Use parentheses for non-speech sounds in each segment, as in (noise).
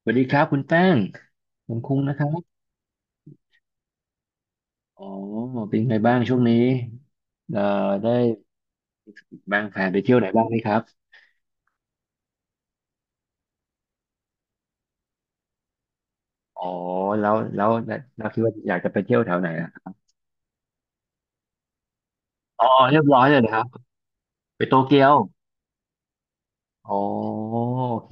สวัสดีครับคุณแป้งผมคุ้งนะครับ อ๋อเป็นไงบ้างช่วงนี้เอ่อได้วางแผนไปเที่ยวไหนบ้างไหมครับ อ๋อ แล้วเราคิดว่าอยากจะไปเที่ยวแถวไหนอะอ๋อเรียบร้อยเลยนะครับไปโตเกียวอ๋อโอเค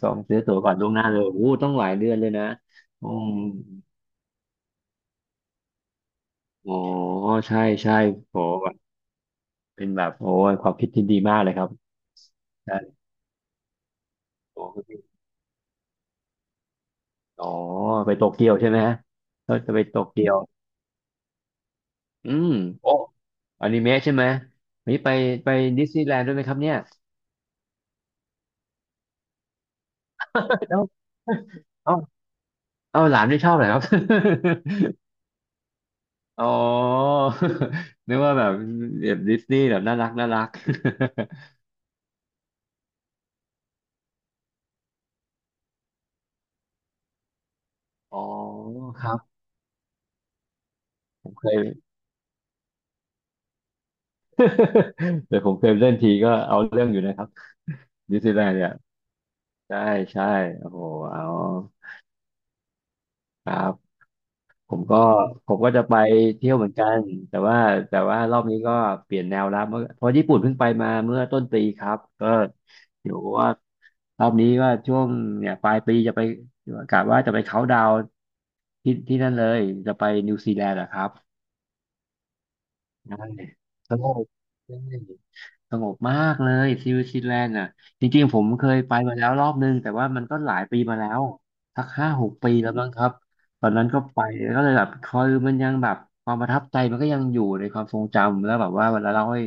จองซื้อตั๋วก่อนล่วงหน้าเลยโอ้โหต้องหลายเดือนเลยนะอืมอ๋อใช่ใช่โอ้เป็นแบบโอ้ยความคิดที่ดีมากเลยครับใช่โอ้โหอ๋อไปโตเกียวใช่ไหมฮะก็จะไปโตเกียว อืมโอ้อนิเมะใช่ไหมนี่ไปไปดิสนีย์แลนด์ด้วยไหมครับเนี่ยเอ้าเอ้าเอ้าหลานไม่ชอบเหรอครับ (laughs) อ๋อ (laughs) นึกว่าแบบแบบดิสนีย์แบบน่ารักน่ารัก (laughs) อ๋อครับผมเคย (laughs) แต่ผมเคยเล่นทีก็เอาเรื่องอยู่นะครับดิสนีย์แลนด์เนี่ยใช่ใช่โอ้โหเอาครับ ผมก็ผมก็จะไปเที่ยวเหมือนกันแต่ว่ารอบนี้ก็เปลี่ยนแนวแล้วเมื่อเพราะญี่ปุ่นเพิ่งไปมาเมื่อต้นปีครับก็เดี๋ยวว่ารอบนี้ก็ช่วงเนี่ยปลายปีจะไปกะว่าจะไปเขาน์ดาวน์ที่ที่นั่นเลยจะไปนิวซีแลนด์อะครับ ใช่สงบใช่สงบมากเลยซิลซีแลนด์อ่ะจริงๆผมเคยไปมาแล้วรอบนึงแต่ว่ามันก็หลายปีมาแล้วสัก5-6ปีแล้วมั้งครับตอนนั้นก็ไปก็เลยแบบคือยมันยังแบบความประทับใจมันก็ยังอยู่ในความทรงจำแล้วแบบว่าเวลาเราให้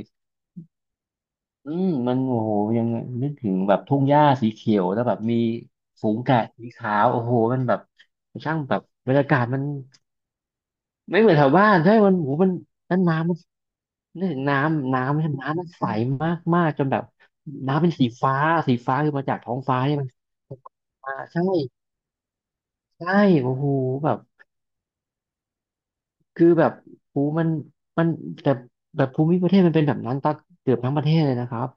อืมมันโอ้โหยังนึกถึงแบบทุ่งหญ้าสีเขียวแล้วแบบมีฝูงแกะสีขาวโอ้โหมันแบบช่างแบบบรรยากาศมัน ไม่เหมือนแถวบ้านใช่มันโหมันนั้นน้ำมันนึน้ำมันใสมากมากจนแบบน้ำเป็นสีฟ้าสีฟ้าคือมาจากท้องฟ้าใช่ไหมมาใช่ใช่โอ้โหแบบคือแบบภูมันมันแต่แบบภูมิประเทศมันเป็นแบบนั้นตั้งเกือบทั้งประเทศเลยนะครับ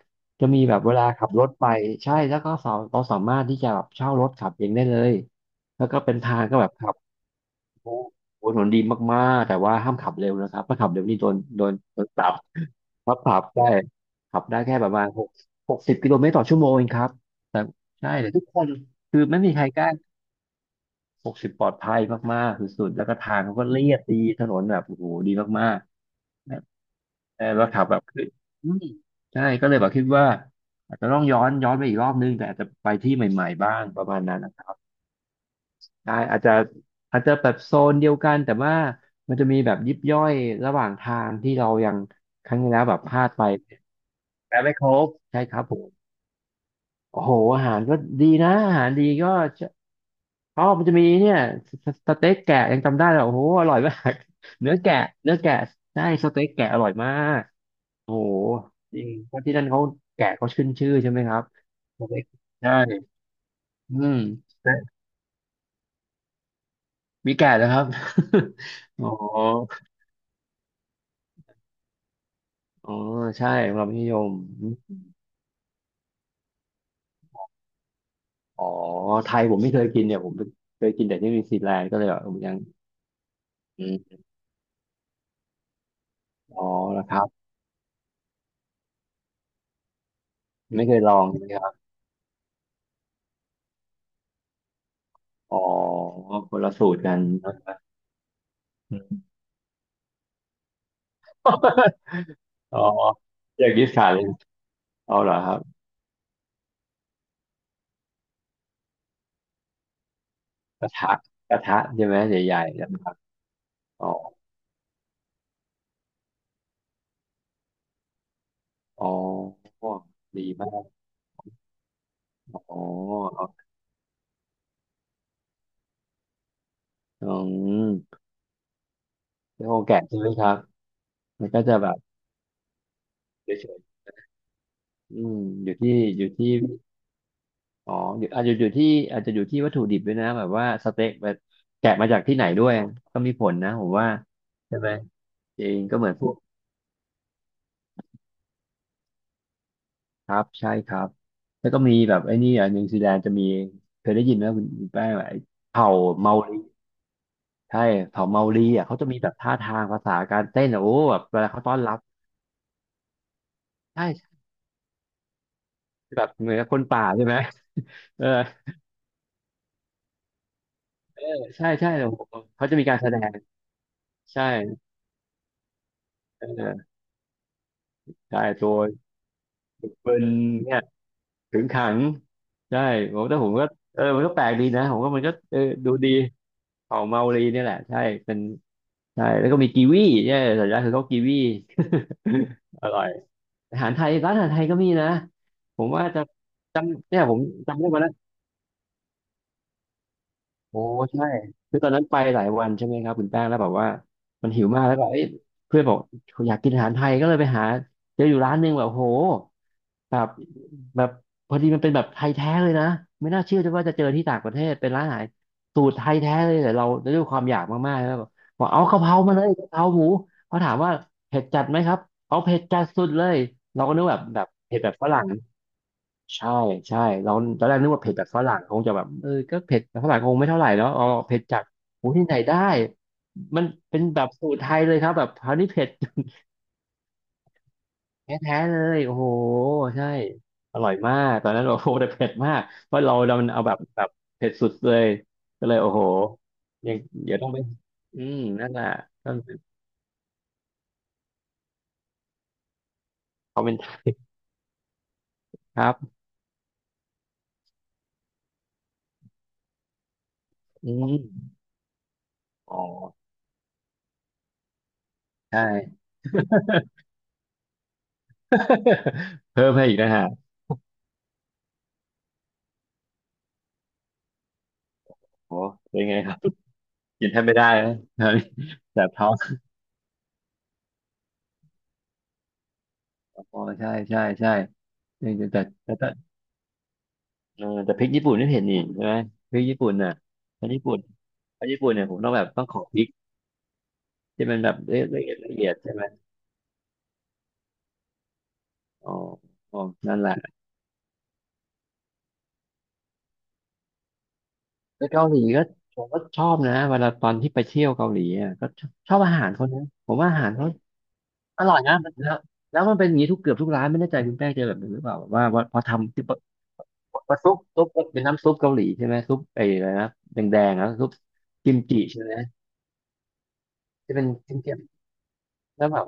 จะมีแบบเวลาขับรถไปใช่แล้วก็สาเราสามารถที่จะแบบเช่ารถขับเองได้เลยแล้วก็เป็นทางก็แบบ โอ้โหถนนดีมากๆแต่ว่าห้ามขับเร็วนะครับถ้าขับเร็วนี่โดนปรับครับปรับได้ขับได้แค่ประมาณหก60 กิโลเมตรต่อชั่วโมงเองครับใช่แต่ทุกคนคือไม่มีใครกล้าหกสิบปลอดภัยมากๆสุดๆแล้วก็ทางเขาก็เรียบดีถนนแบบโอ้โหดีมากๆแต่แต่ว่าขับแบบคืออืมใช่ก็เลยแบบคิดว่าอาจจะต้องย้อนไปอีกรอบนึงแต่อาจจะไปที่ใหม่ๆบ้างประมาณนั้นนะครับ ได้อาจจะอาจจะแบบโซนเดียวกันแต่ว่ามันจะมีแบบยิบย่อยระหว่างทางที่เรายังครั้งที่แล้วแบบพลาดไปแต่ไม่ครบใช่ครับผมโอ้โหอาหารก็ดีนะอาหารดีก็อ๋อมันจะมีเนี่ยสสสเต็กแกะยังจำได้เลยโอ้โหอร่อยมาก (laughs) เนื้อแกะเนื้อแกะใช่สเต็กแกะอร่อยมากโอ้โหจริงเพราะที่นั่นเขาแกะเขาขึ้นชื่อใช่ไหมครับสเต็กใช่อืมมีแกะนะครับ (laughs) อ๋อ อ๋อใช่สำหรับมัธยมอมอ๋อไทยผมไม่เคยกินเนี่ยผมเคยกินแต่ที่นิวซีแลนด์ก็เลยแบบผมยังอืมอ๋อแล้วครับไม่เคยลองใช่ไหมครับอ๋อคนละสูตรกันนะครับอืม (laughs) อ๋ออยากกินขาเลยเอาอเหรอครับกระทะกระทะใช่ไหมใหญ่ๆนะครับอ๋ออ๋อดีมากอ๋ออืมแล้วโอแกะใช่ไหมครับมันก็จะแบบเฉยๆอืมอยู่ที่อยู่ที่ อ๋ออยู่อาจจะอยู่ที่อาจจะอยู่ที่วัตถุดิบด้วยนะแบบว่าสเต็กแบบแกะมาจากที่ไหนด้วยก็มีผลนะผมว่าใช่ไหมจริงก็เหมือนพวกครับใช่ครับแล้วก็มีแบบไอ้นี่อ่ะนิวซีแลนด์จะมีเคยได้ยินไหมคุณแป้งไอ้เผ่าเมารีใช่เผ่าเมารีอ่ะเขาจะมีแบบท่าทางภาษาการเต้นอ่ะโอ้แบบเวลาเขาต้อนรับใช่แบบเหมือนกับคนป่าใช่ไหมเออเออใช่ใช่โอ้โหเขาจะมีการแสดงใช่เออใช่ตัวเบิร์นเนี่ย ขึงขังใช่ ผมแต่ผมก็เออมันก็แปลกดีนะ ผมก็มันก็เออดูดีของเมาลีเนี่ยแหละ ใช่เป็นใช่แล้วก็มีกีวีใช่สัญญาคือเขากีวี (laughs) อร่อยอาหารไทยร้านอาหารไทยก็มีนะ ผมว่าจะจำเนี่ยผมจำได้วันนั้น โอ้ใช่คือตอนนั้นไปหลายวันใช่ไหมครับคุณแป้งแล้วแบบว่ามันหิวมากแล้วก็เอ้ยเพื่อนบอกอยากกินอาหารไทยก็เลยไปหาเจออยู่ร้านหนึงแบบโหแบบแบบพอดีมันเป็นแบบไทยแท้เลยนะไม่น่าเชื่อจะว่าจะเจอที่ต่างประเทศเป็นร้านอาหารสูตรไทยแท้เลยแต่เราด้วยความอยากมากๆแล้วบอกเอากะเพรามาเลยกะเพราหมูเขาถามว่าเผ็ดจัดไหมครับเอาเผ็ดจัดสุดเลยเราก็นึกแบบเผ็ดแบบฝรั่ง ใช่ใช่เราตอนแรกนึกว่าเผ็ดแบบฝรั่งคงจะแบบก็เผ็ดแบบฝรั่งคงไม่เท่าไหร่เนาะเอาเผ็ดจากโอ้ที่ไหนได้มันเป็นแบบสูตรไทยเลยครับแบบคราวนี้เผ็ด (laughs) แท้ๆเลยโอ้โหใช่อร่อยมากตอนนั้นโอ้โหแต่เผ็ดมากเพราะเรามันเอาแบบเผ็ดสุดเลยก็เลยโอ้โหยังเดี๋ยวต้องไปอืมนั่นแหละก็เขาเป็นครับอืมอ๋อใช่ (laughs) เพิ่มให้อีกนะฮะโอ้เป็นไงครับกินแทบไม่ได้นะ (laughs) แสบท้อง อ๋อใช่ใช่ใช่แต่แต่พริกญี่ปุ่นนี่เห็นอีกใช่ไหมพริกญี่ปุ่นน่ะพริกญี่ปุ่นพริกญี่ปุ่นเนี่ยผมต้องแบบต้องขอพริกที่มันแบบละเอียดใช่ไหมอ๋ออ๋อนั่นแหละแล้วเกาหลีก็ผมก็ชอบนะเวลาตอนที่ไปเที่ยวเกาหลีอ่ะก็ชอบชอบอาหารเขานะผมว่าอาหารเขาอร่อยนะมันแล้วแล้วมันเป็นอย่างนี้ทุกเกือบทุกร้านไม่แน่ใจคุณแป้งเจอแบบนี้หรือเปล่าแบบว่าพอทำที่ปะปะซุปเป็นน้ำซุปเกาหลีใช่ไหมซุปไอ้อะไรนะแดงๆนะซุปกิมจิใช่ไหมจะเป็นเค็ม แล้วแบบ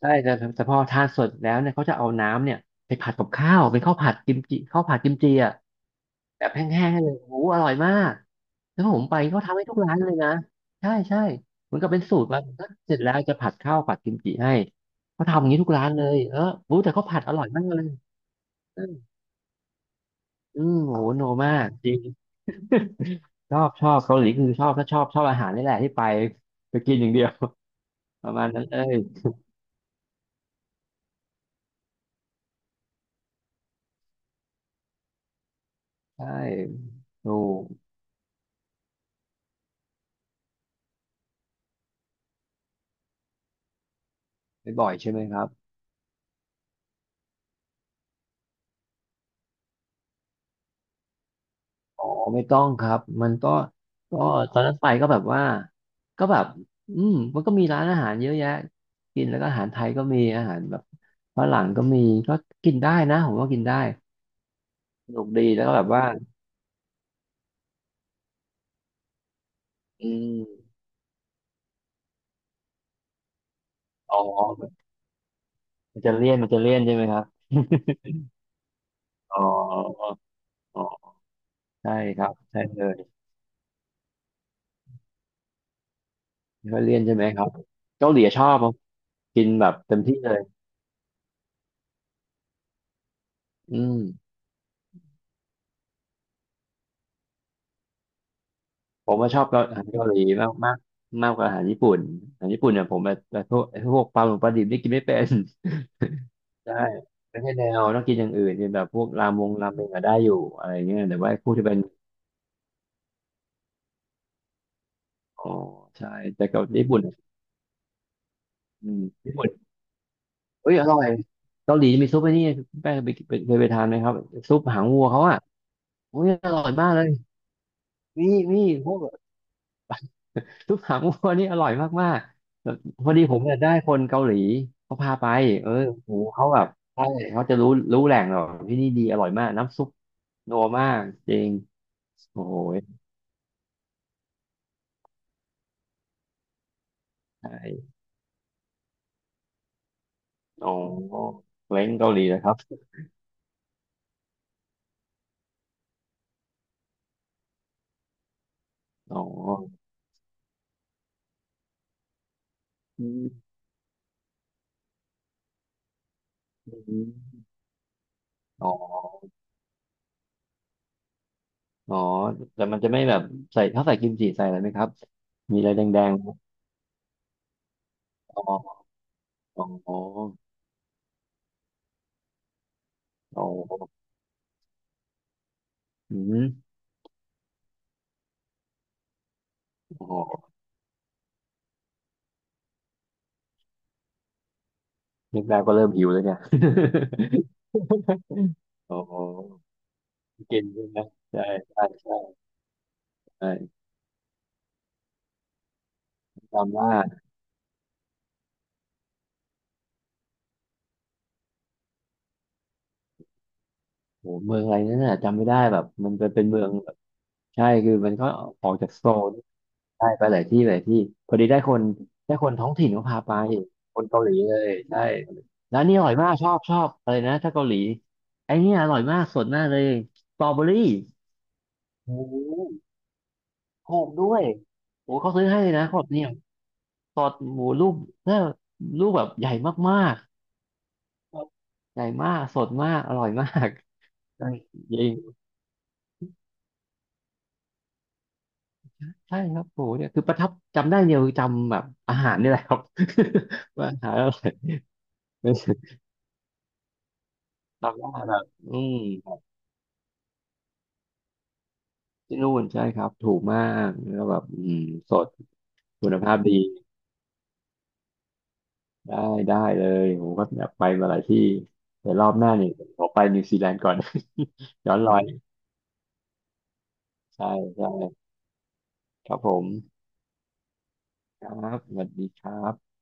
ใช่แต่พอทานเสร็จแล้วเนี่ยเขาจะเอาน้ำเนี่ยไปผัดกับข้าวเป็นข้าวผัดกิมจิข้าวผัดกิมจิอ่ะแบบแห้งๆให้เลยโอ้โหอร่อยมากแล้วผมไปก็ทำให้ทุกร้านเลยนะใช่ใช่เหมือนกับเป็นสูตรมาก็เสร็จแล้วจะผัดข้าวผัดกิมจิให้เขาทำอย่างนี้ทุกร้านเลยเออรู้แต่เขาผัดอร่อยมากเลยอืมอืมโอ้โหโนมากจริง (laughs) ชอบชอบเกาหลีคือชอบถ้าชอบชอบอาหารนี่แหละที่ไปไปกินอย่างเดียว (laughs) ประมาณนั้นเลยใช่ดูไปบ่อยใช่ไหมครับ อ๋อไม่ต้องครับมันก็ก็ตอนนั้นไปก็แบบว่าก็แบบอืมมันก็มีร้านอาหารเยอะแยะกินแล้วก็อาหารไทยก็มีอาหารแบบฝรั่งก็มีก็กินได้นะผมว่ากินได้สนุกดีแล้วก็แบบว่าอืมอ๋อมันจะเลี่ยนมันจะเลี่ยนใช่ไหมครับอ๋ออ๋อใช่ครับใช่เลยไม่ค่อยเลี่ยนใช่ไหมครับเกาหลีชอบครับกินแบบเต็มที่เลยอืม ผมว่าชอบกาอาหารเกาหลีมากมากมากกว่าอาหารญี่ปุ่นอาหารญี่ปุ่นเนี่ยผมแบบพวกไอ้พวกปลาหมึกปลาดิบนี่กินไม่เป็น (laughs) ใช่ไม่ใช่แนวต้องกินอย่างอื่นกินแบบพวกรามงราเมงอะได้อยู่อะไรเงี้ยแต่ว่าพวกที่เป็นอ๋อใช่แต่เกับญี่ปุ่นอะอืมญี่ปุ่นเอ้ยอร่อยเกาหลีมีซุปไอ้นี่คุณแป้งเคยไปเคยไปทานไหมครับซุปหางวัวเขาอ่ะโอ้ยอร่อยมากเลยมีมีพวก ซุปขาหมูนี่อร่อยมากๆแบบพอดีผมเนี่ยได้คนเกาหลีเขาพาไปเออโอ้โหเขาแบบใช่เขาจะรู้รู้แหล่งหรอกที่นี่ดีอร่อยมากน้ำซุปนัวมากจริงโอ้โหใช่อ๋อเล้งเกาหลีนะครับอ๋ออืมอืมอ๋ออ๋อแต่มันจะไม่แบบใส่เขาใส่กิมจิใส่อะไรไหมครับมีอะไรแดงๆไหมอ๋ออ๋ออ๋ออ๋ออืมอ๋อนึกได้ก็เริ่มหิวแล้วเนี่ย (laughs) อ๋อ กินใช่ไหมใช่ใช่ใช่ใช่จำว่าโหเมืองอะไรนั่นน่ะจำไม่ได้แบบมันเป็นเมืองแบบใช่คือมันก็ออกจากโซนได้ไปหลายที่หลายที่พอดีได้คนท้องถิ่นเขาพาไปคนเกาหลีเลยใช่ร้านนี้อร่อยมากชอบชอบอะไรนะถ้าเกาหลีไอ้เนี่ยอร่อยมากสดมากเลยสตรอเบอรี่โอ้โหหอมด้วยโอ้เขาซื้อให้เลยนะเขาแบบเนี่ยสดหมูลูกเนี่ยลูกแบบใหญ่มากๆใหญ่มากสดมากอร่อยมาก ใช่ยิงใช่ครับโหเนี่ยคือประทับจำได้เดียวคือจำแบบอาหารนี่แหละครับ (laughs) ว่าอาหารอะไรอยไม่ใช่จำได้แบบอืมที่นู่นใช่ครับถูกมากแล้วแบบอืมสดคุณภาพดีได้ได้เลยผมก็อยากไปมาหลายที่แต่รอบหน้าเนี่ยขอไปนิวซีแลนด์ก่อน (laughs) ย้อนรอยใช่ใช่ครับผมครับสวัสดีครับ